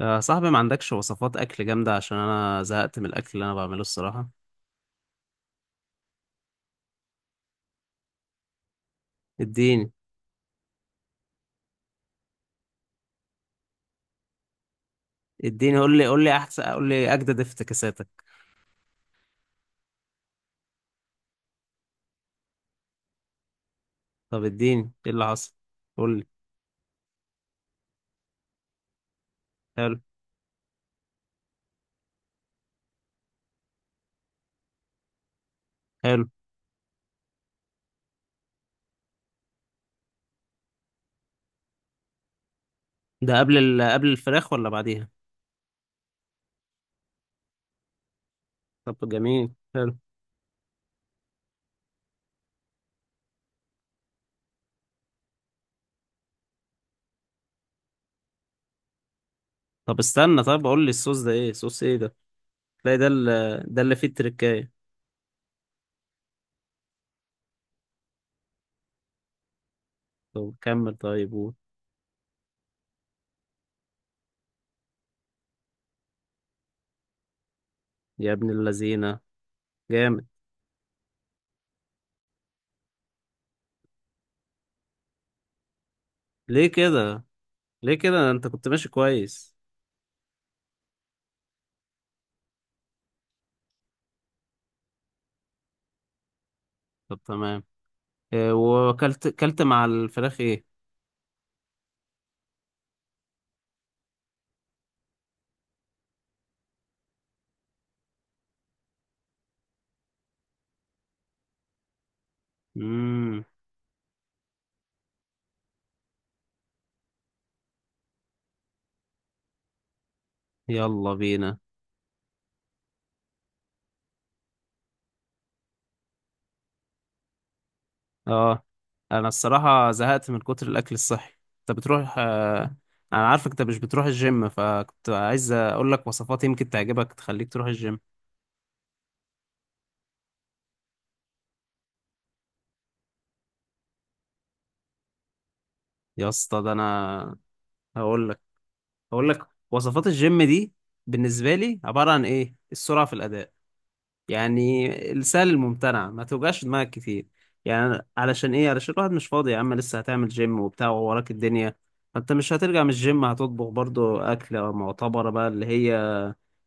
يا صاحبي، ما عندكش وصفات اكل جامده؟ عشان انا زهقت من الاكل اللي انا بعمله الصراحه. اديني اديني. قول لي، احسن قول لي اجدد افتكاساتك. طب اديني، ايه اللي حصل؟ قول لي. حلو. حلو. ده قبل قبل الفراخ ولا بعديها؟ طب جميل، حلو. طب استنى، طب قول لي الصوص ده ايه؟ صوص ايه ده؟ تلاقي ده ده اللي فيه التركايه. طب كمل، طيب قول. يا ابن اللذينه، جامد. ليه كده؟ ليه كده؟ ده انت كنت ماشي كويس. طب تمام. إيه وكلت؟ كلت مع الفراخ ايه؟ مم. يلا بينا. اه. انا الصراحة زهقت من كتر الاكل الصحي. انت بتروح انا عارفك انت مش بتروح الجيم، فكنت عايز اقول لك وصفات يمكن تعجبك تخليك تروح الجيم. يا اسطى، ده انا هقول لك هقول لك وصفات الجيم دي بالنسبة لي عبارة عن ايه؟ السرعة في الاداء. يعني السهل الممتنع، ما توجعش دماغك كتير. يعني علشان ايه؟ علشان الواحد مش فاضي يا عم، لسه هتعمل جيم وبتاع ووراك الدنيا. فانت مش هترجع من الجيم هتطبخ برضو اكلة معتبرة بقى اللي هي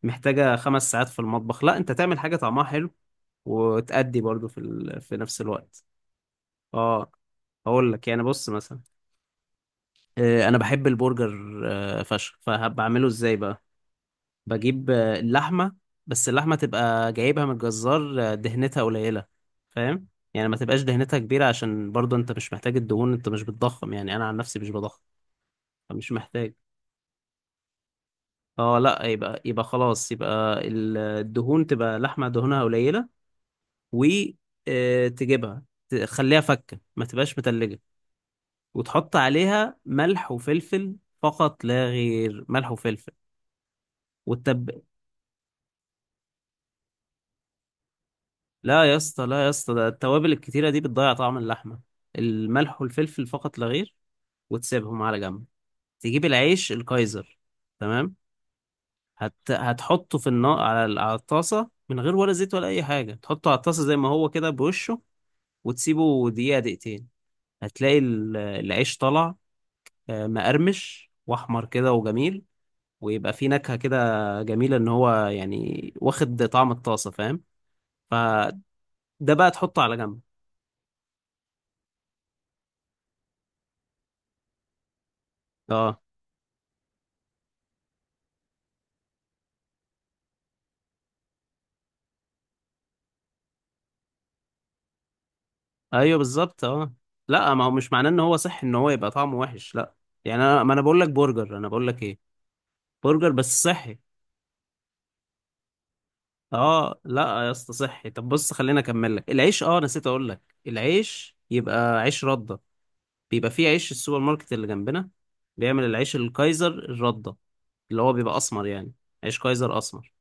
محتاجة 5 ساعات في المطبخ، لا انت تعمل حاجة طعمها حلو وتأدي برضو في في نفس الوقت. اه. هقول لك يعني، بص مثلا، انا بحب البرجر فشخ، فبعمله ازاي بقى؟ بجيب اللحمة. بس اللحمة تبقى جايبها من الجزار، دهنتها قليلة، فاهم؟ يعني ما تبقاش دهنتها كبيرة، عشان برضه انت مش محتاج الدهون، انت مش بتضخم، يعني انا عن نفسي مش بضخم. فمش محتاج. اه لا، يبقى خلاص يبقى الدهون، تبقى لحمة دهونها قليلة. و تجيبها، تخليها فكة، ما تبقاش متلجة. وتحط عليها ملح وفلفل، فقط لا غير، ملح وفلفل. والتب... لا يا اسطى، لا يا اسطى، ده التوابل الكتيرة دي بتضيع طعم اللحمة. الملح والفلفل فقط لا غير. وتسيبهم على جنب. تجيب العيش الكايزر. تمام. هتحطه في النار على على الطاسة من غير ولا زيت ولا أي حاجة، تحطه على الطاسة زي ما هو كده، بوشه. وتسيبه دقيقة دقيقتين، هتلاقي العيش طلع مقرمش وأحمر كده وجميل، ويبقى فيه نكهة كده جميلة، إن هو يعني واخد طعم الطاسة، فاهم؟ فده بقى تحطه على جنب. اه. ايوه بالظبط، اه. لا، ما هو مش معناه ان هو صحي ان هو يبقى طعمه وحش، لا. يعني ما انا بقول لك برجر، انا بقول لك ايه؟ برجر بس صحي. اه لا يا اسطى، صحي. طب بص، خليني اكمل لك العيش. اه نسيت اقول لك، العيش يبقى عيش رده. بيبقى فيه عيش السوبر ماركت اللي جنبنا بيعمل العيش الكايزر الرده، اللي هو بيبقى اسمر يعني، عيش كايزر اسمر.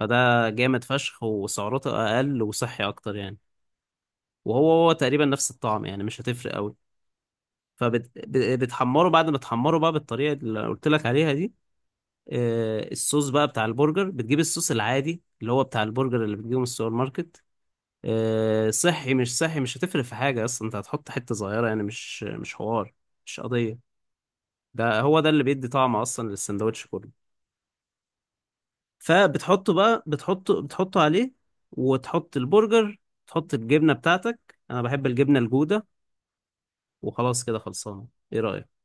فده جامد فشخ، وسعراته اقل وصحي اكتر يعني. وهو هو تقريبا نفس الطعم، يعني مش هتفرق قوي. فبتحمره، بعد ما تحمره بقى بالطريقه اللي قلت لك عليها دي، الصوص بقى بتاع البرجر، بتجيب الصوص العادي اللي هو بتاع البرجر اللي بتجيبه من السوبر ماركت. صحي مش صحي مش هتفرق في حاجه اصلا، انت هتحط حته صغيره يعني، مش حوار، مش قضيه. ده هو ده اللي بيدي طعم اصلا للسندوتش كله. فبتحطه بقى، بتحطه عليه. وتحط البرجر. تحط الجبنه بتاعتك، انا بحب الجبنه الجوده. وخلاص كده خلصانه. ايه رايك؟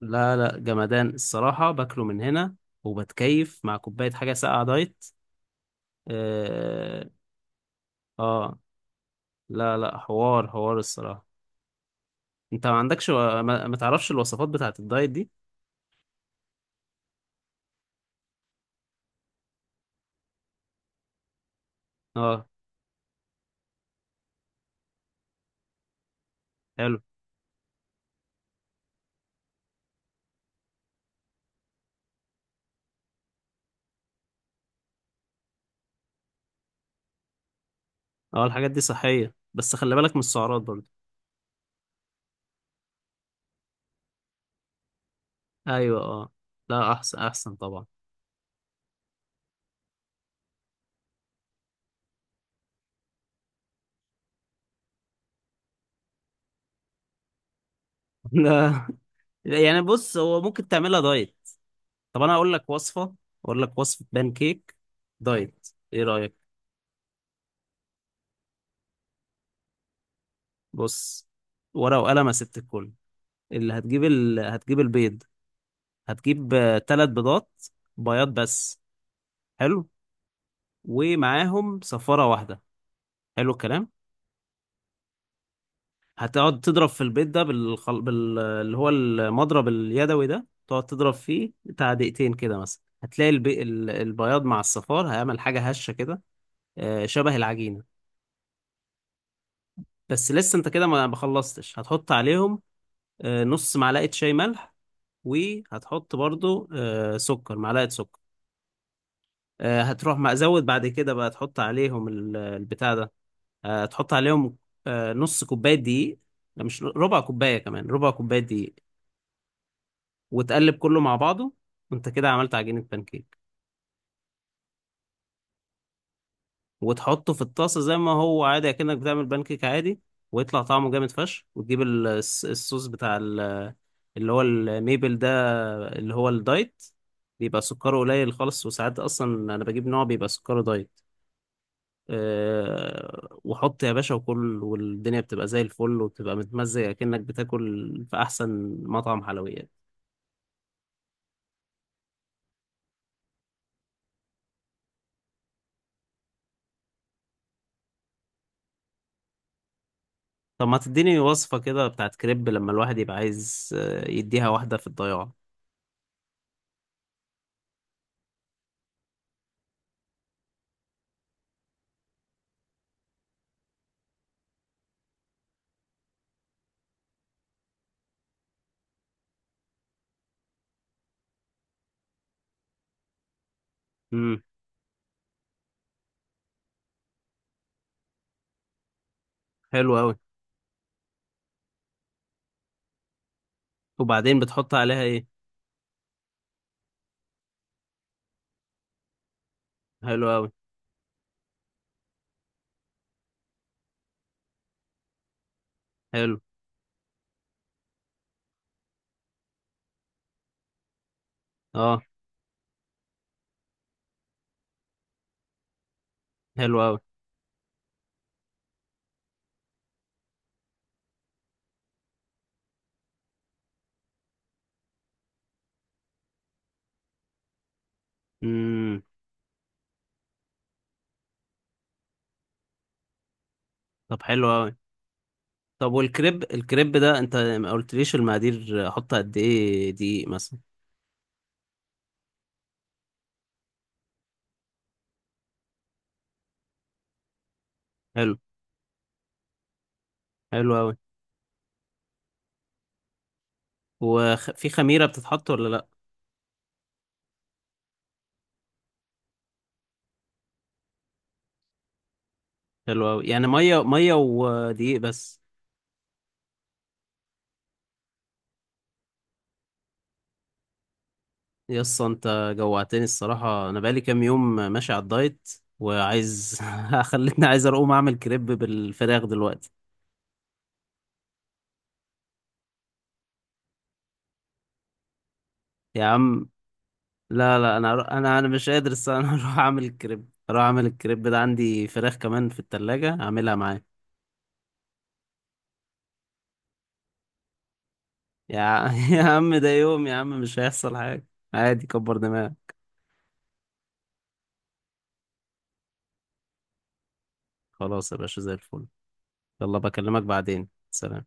لا لا، جمدان الصراحة، باكله من هنا، وبتكيف مع كوباية حاجة ساقعة دايت. اه. آه. لا لا، حوار حوار الصراحة. انت ما عندكش ما تعرفش الوصفات بتاعة الدايت دي؟ اه. حلو. اه، الحاجات دي صحية بس خلي بالك من السعرات برضه. ايوه اه. لا، احسن احسن طبعا. لا، يعني بص هو ممكن تعملها دايت. طب انا اقول لك وصفة بان كيك دايت. ايه رأيك؟ بص، ورقة وقلم يا ست الكل. اللي هتجيب هتجيب البيض. هتجيب ثلاث بيضات، بياض بس. حلو. ومعاهم صفارة واحدة. حلو الكلام. هتقعد تضرب في البيض ده اللي هو المضرب اليدوي ده، تقعد تضرب فيه بتاع دقيقتين كده مثلا، هتلاقي البياض مع الصفار هيعمل حاجة هشة كده، شبه العجينة. بس لسه انت كده ما خلصتش، هتحط عليهم نص معلقة شاي ملح، وهتحط برضو آه، سكر معلقة سكر. هتروح مزود بعد كده بقى، تحط عليهم البتاع ده، تحط عليهم نص كوباية دقيق. لا مش ربع كوباية، كمان ربع كوباية دقيق. وتقلب كله مع بعضه، وانت كده عملت عجينة بانكيك. وتحطه في الطاسة زي ما هو عادي كأنك بتعمل بانكيك عادي، ويطلع طعمه جامد فشخ. وتجيب الصوص بتاع اللي هو الميبل ده، اللي هو الدايت، بيبقى سكره قليل خالص، وساعات اصلا انا بجيب نوع بيبقى سكره دايت. وحط يا باشا وكل، والدنيا بتبقى زي الفل وبتبقى متمزج، أكنك بتاكل في أحسن مطعم حلويات. طب ما تديني وصفة كده بتاعت كريب لما الواحد يبقى عايز يديها واحدة في الضياع. امم. حلو أوي. وبعدين بتحط عليها إيه؟ حلو أوي. حلو. أه. حلو أوي. امم. طب حلو أوي. طب والكريب، الكريب ده أنت ما قلتليش المقادير، أحط قد إيه دقيق مثلا؟ حلو. حلو أوي. وفي خميرة بتتحط ولا لأ؟ حلو أوي. يعني مية ودقيق بس. يسا انت جوعتني الصراحة، أنا بقالي كام يوم ماشي على الدايت، وعايز خلتني عايز أقوم أعمل كريب بالفراخ دلوقتي. يا عم، لا لا، أنا مش قادر الصراحة. أنا هروح أعمل الكريب ده عندي فراخ كمان في التلاجة أعملها معاه. يا عم ده يوم يا عم مش هيحصل حاجة، عادي، كبر دماغك. خلاص يا باشا، زي الفل. يلا بكلمك بعدين، سلام.